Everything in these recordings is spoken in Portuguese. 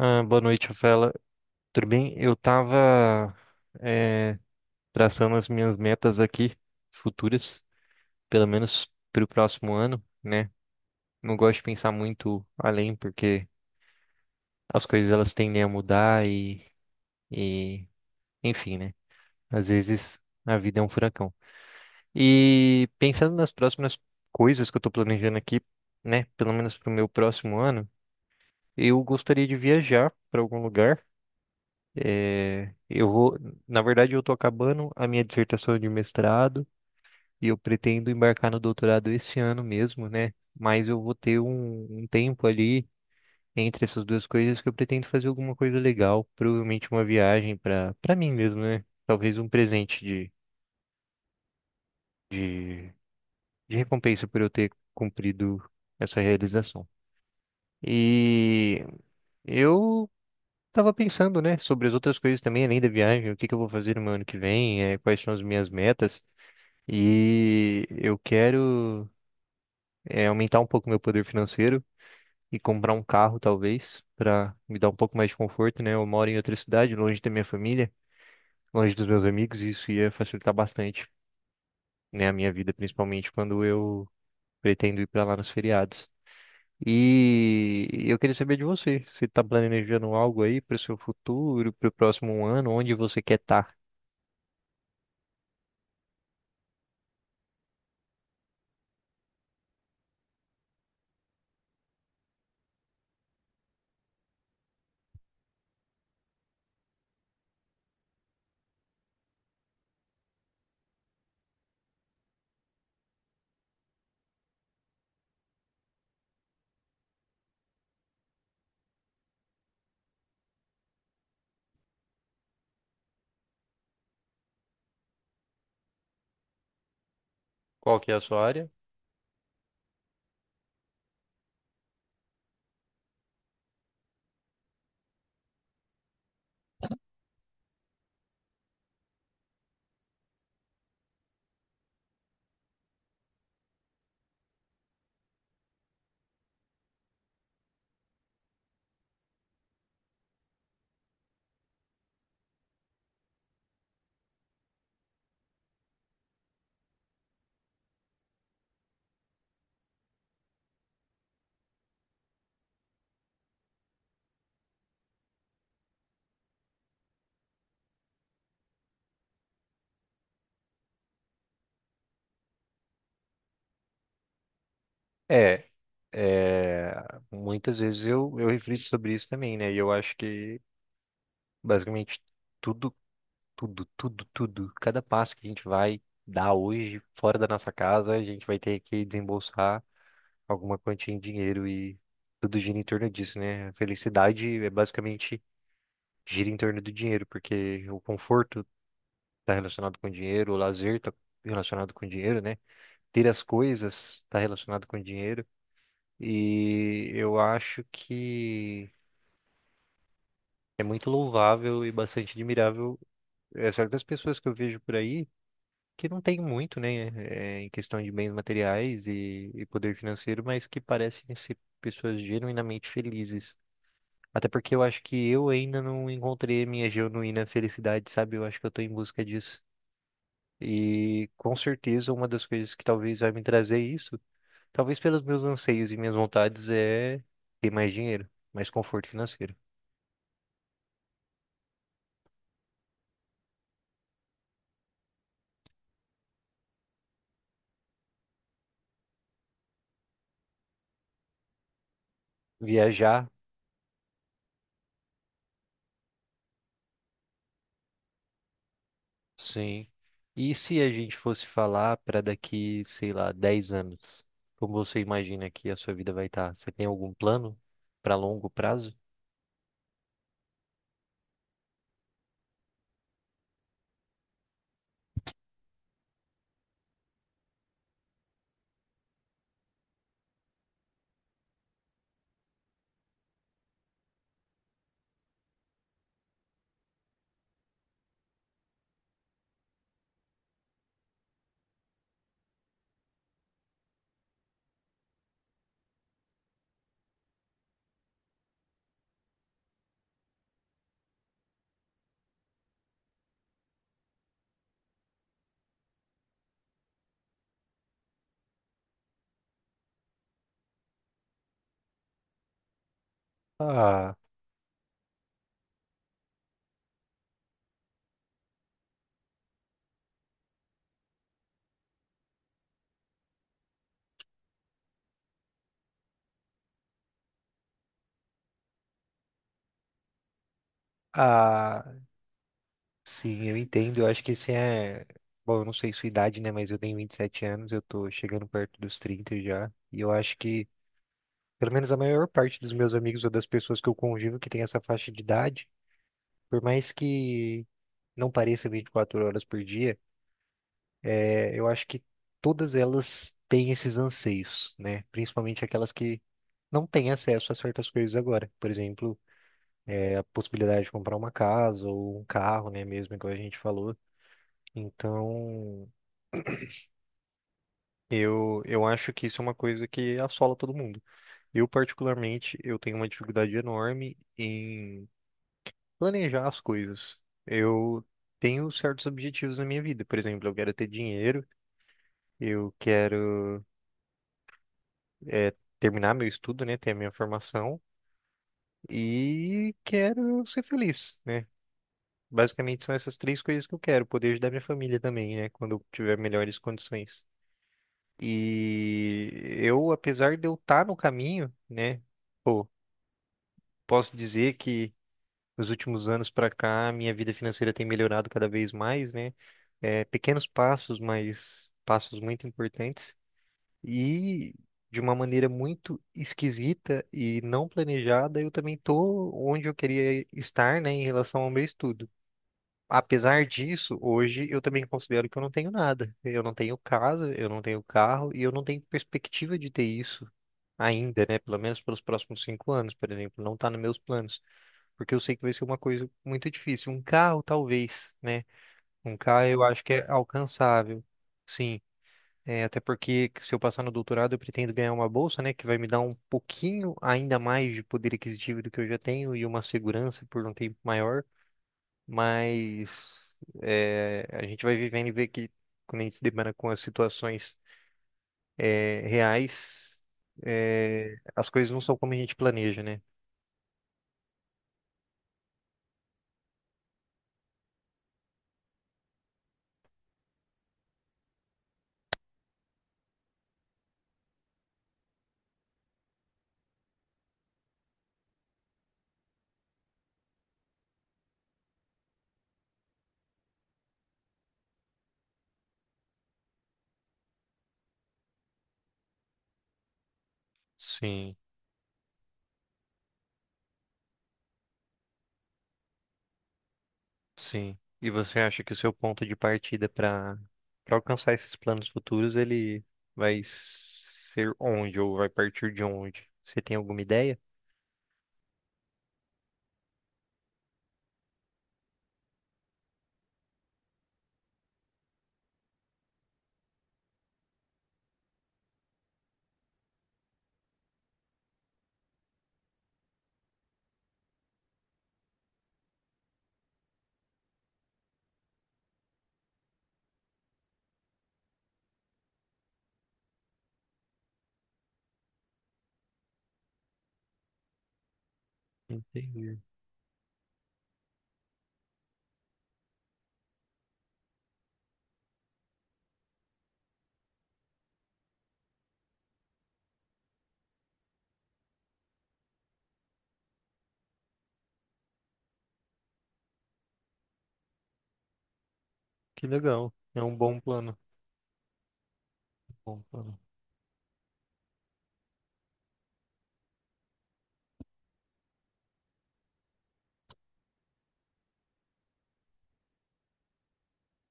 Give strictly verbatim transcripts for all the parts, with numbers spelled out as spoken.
Ah, boa noite, Rafaela. Tudo bem? Eu tava eh, traçando as minhas metas aqui, futuras, pelo menos para o próximo ano, né? Não gosto de pensar muito além, porque as coisas elas tendem a mudar e, e, enfim, né? Às vezes a vida é um furacão. E pensando nas próximas coisas que eu tô planejando aqui, né? Pelo menos para o meu próximo ano, eu gostaria de viajar para algum lugar. É, eu vou, na verdade, eu estou acabando a minha dissertação de mestrado e eu pretendo embarcar no doutorado esse ano mesmo, né? Mas eu vou ter um, um tempo ali entre essas duas coisas que eu pretendo fazer alguma coisa legal, provavelmente uma viagem para para mim mesmo, né? Talvez um presente de, de, de recompensa por eu ter cumprido essa realização. E eu estava pensando, né, sobre as outras coisas também, além da viagem, o que que eu vou fazer no meu ano que vem, eh, quais são as minhas metas. E eu quero é, aumentar um pouco meu poder financeiro e comprar um carro, talvez, para me dar um pouco mais de conforto, né? Eu moro em outra cidade, longe da minha família, longe dos meus amigos, e isso ia facilitar bastante, né, a minha vida, principalmente quando eu pretendo ir para lá nos feriados. E eu queria saber de você, você está planejando algo aí para o seu futuro, para o próximo ano, onde você quer estar? Qual que é a sua área? É, é, muitas vezes eu, eu reflito sobre isso também, né? E eu acho que basicamente tudo, tudo, tudo, tudo, cada passo que a gente vai dar hoje fora da nossa casa, a gente vai ter que desembolsar alguma quantia em dinheiro e tudo gira em torno disso, né? A felicidade é basicamente gira em torno do dinheiro, porque o conforto está relacionado com dinheiro, o lazer está relacionado com dinheiro, né? Ter as coisas está relacionado com dinheiro. E eu acho que é muito louvável e bastante admirável, é, certas pessoas que eu vejo por aí que não têm muito, né, é, em questão de bens materiais e, e poder financeiro, mas que parecem ser pessoas genuinamente felizes. Até porque eu acho que eu ainda não encontrei a minha genuína felicidade, sabe? Eu acho que eu estou em busca disso. E com certeza uma das coisas que talvez vai me trazer isso, talvez pelos meus anseios e minhas vontades, é ter mais dinheiro, mais conforto financeiro. Viajar, sim. E se a gente fosse falar para daqui, sei lá, dez anos? Como você imagina que a sua vida vai estar? Você tem algum plano para longo prazo? Ah, ah, sim, eu entendo. Eu acho que esse é. Bom, eu não sei sua idade, né? Mas eu tenho vinte e sete anos, eu tô chegando perto dos trinta já. E eu acho que, pelo menos a maior parte dos meus amigos ou das pessoas que eu convivo que tem essa faixa de idade, por mais que não pareça vinte e quatro horas por dia. Eu acho que todas elas têm esses anseios, né? Principalmente aquelas que não têm acesso a certas coisas agora. Por exemplo, é a possibilidade de comprar uma casa ou um carro, né? Mesmo igual a gente falou. Então, eu, eu acho que isso é uma coisa que assola todo mundo. Eu, particularmente, eu tenho uma dificuldade enorme em planejar as coisas. Eu tenho certos objetivos na minha vida. Por exemplo, eu quero ter dinheiro, eu quero, eh, terminar meu estudo, né? Ter a minha formação. e quero ser feliz, né? Basicamente são essas três coisas que eu quero, poder ajudar minha família também, né? Quando eu tiver melhores condições. E eu, apesar de eu estar no caminho, né? Pô, posso dizer que nos últimos anos pra cá, minha vida financeira tem melhorado cada vez mais, né? É, pequenos passos, mas passos muito importantes. E de uma maneira muito esquisita e não planejada, eu também tô onde eu queria estar, né, em relação ao meu estudo. Apesar disso, hoje eu também considero que eu não tenho nada. Eu não tenho casa, eu não tenho carro e eu não tenho perspectiva de ter isso ainda, né? Pelo menos pelos próximos cinco anos, por exemplo, não está nos meus planos, porque eu sei que vai ser uma coisa muito difícil. Um carro, talvez, né? Um carro eu acho que é alcançável, sim. É, até porque se eu passar no doutorado, eu pretendo ganhar uma bolsa, né, que vai me dar um pouquinho ainda mais de poder aquisitivo do que eu já tenho e uma segurança por um tempo maior. Mas é, a gente vai vivendo e ver que quando a gente se depara com as situações é, reais, é, as coisas não são como a gente planeja, né? Sim. Sim. E você acha que o seu ponto de partida para para alcançar esses planos futuros, ele vai ser onde ou vai partir de onde? Você tem alguma ideia? Entendi. Que legal. É um bom plano. Bom plano.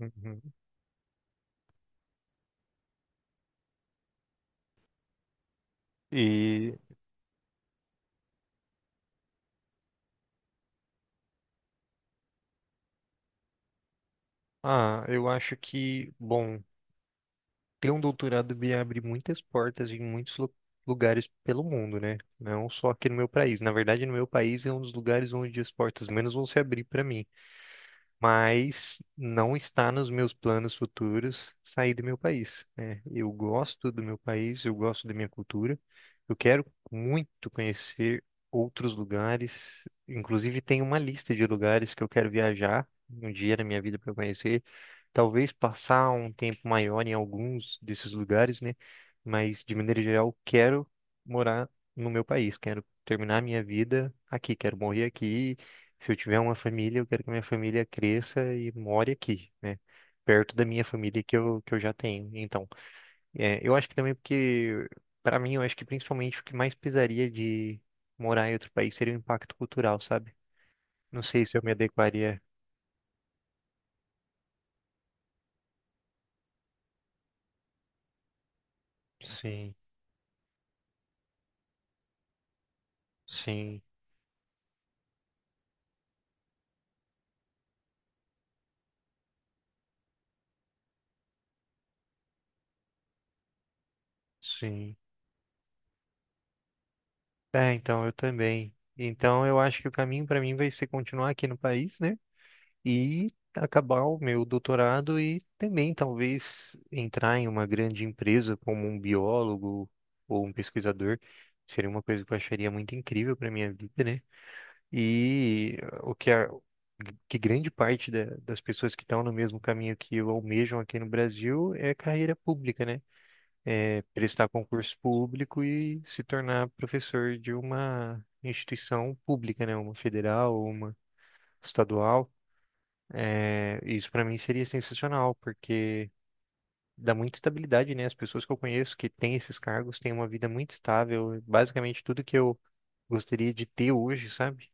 Uhum. E ah, eu acho que, bom, ter um doutorado me abre muitas portas em muitos lu- lugares pelo mundo, né? Não só aqui no meu país. Na verdade, no meu país é um dos lugares onde as portas menos vão se abrir para mim. mas não está nos meus planos futuros sair do meu país, né? Eu gosto do meu país, eu gosto da minha cultura, eu quero muito conhecer outros lugares, inclusive tem uma lista de lugares que eu quero viajar um dia na minha vida para conhecer, talvez passar um tempo maior em alguns desses lugares, né? Mas de maneira geral, quero morar no meu país, quero terminar minha vida aqui, quero morrer aqui se eu tiver uma família, eu quero que a minha família cresça e more aqui, né? Perto da minha família que eu, que eu já tenho. Então, é, eu acho que também porque, para mim, eu acho que principalmente o que mais pesaria de morar em outro país seria o impacto cultural, sabe? Não sei se eu me adequaria. Sim, sim, sim. É, então eu também. Então eu acho que o caminho para mim vai ser continuar aqui no país, né? e acabar o meu doutorado e também talvez entrar em uma grande empresa como um biólogo ou um pesquisador. Seria uma coisa que eu acharia muito incrível para minha vida, né? E eh, o que a que grande parte da- das pessoas que estão no mesmo caminho que eu almejam aqui no Brasil é carreira pública, né? É prestar concurso público e se tornar professor de uma instituição pública, né? Uma federal, uma estadual. É, isso para mim seria sensacional, porque dá muita estabilidade, né? As pessoas que eu conheço que têm esses cargos têm uma vida muito estável, basicamente tudo que eu gostaria de ter hoje, sabe?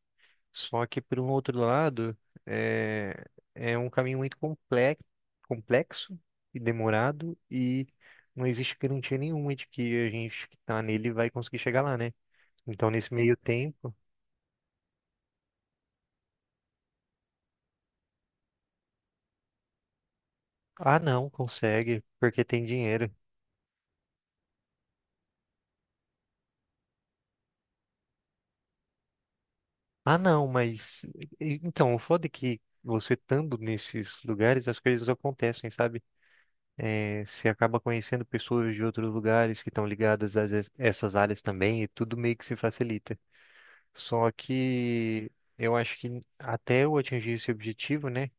Só que por um outro lado, é, é um caminho muito complexo, complexo e demorado e não existe garantia nenhuma de que a gente que está nele vai conseguir chegar lá, né? Então, nesse meio tempo, ah, não, consegue, porque tem dinheiro. Ah, não, mas. e- Então, o foda é que você estando nesses lugares, as coisas acontecem, sabe? É, você acaba conhecendo pessoas de outros lugares que estão ligadas a es- essas áreas também, e tudo meio que se facilita. Só que eu acho que até eu atingir esse objetivo, né?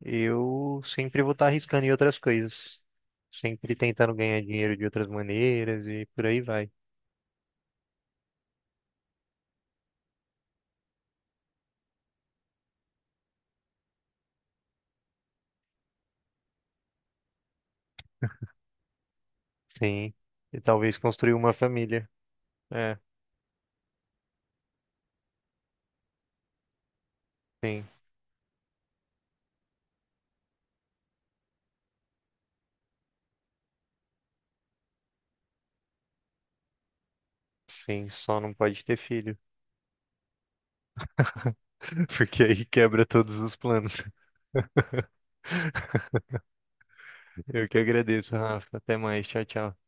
Eu sempre vou estar arriscando em outras coisas. Sempre tentando ganhar dinheiro de outras maneiras e por aí vai. Sim. E talvez construir uma família. É, sim. Sim, só não pode ter filho. porque aí quebra todos os planos. Eu que agradeço, Rafa. Até mais. Tchau, tchau.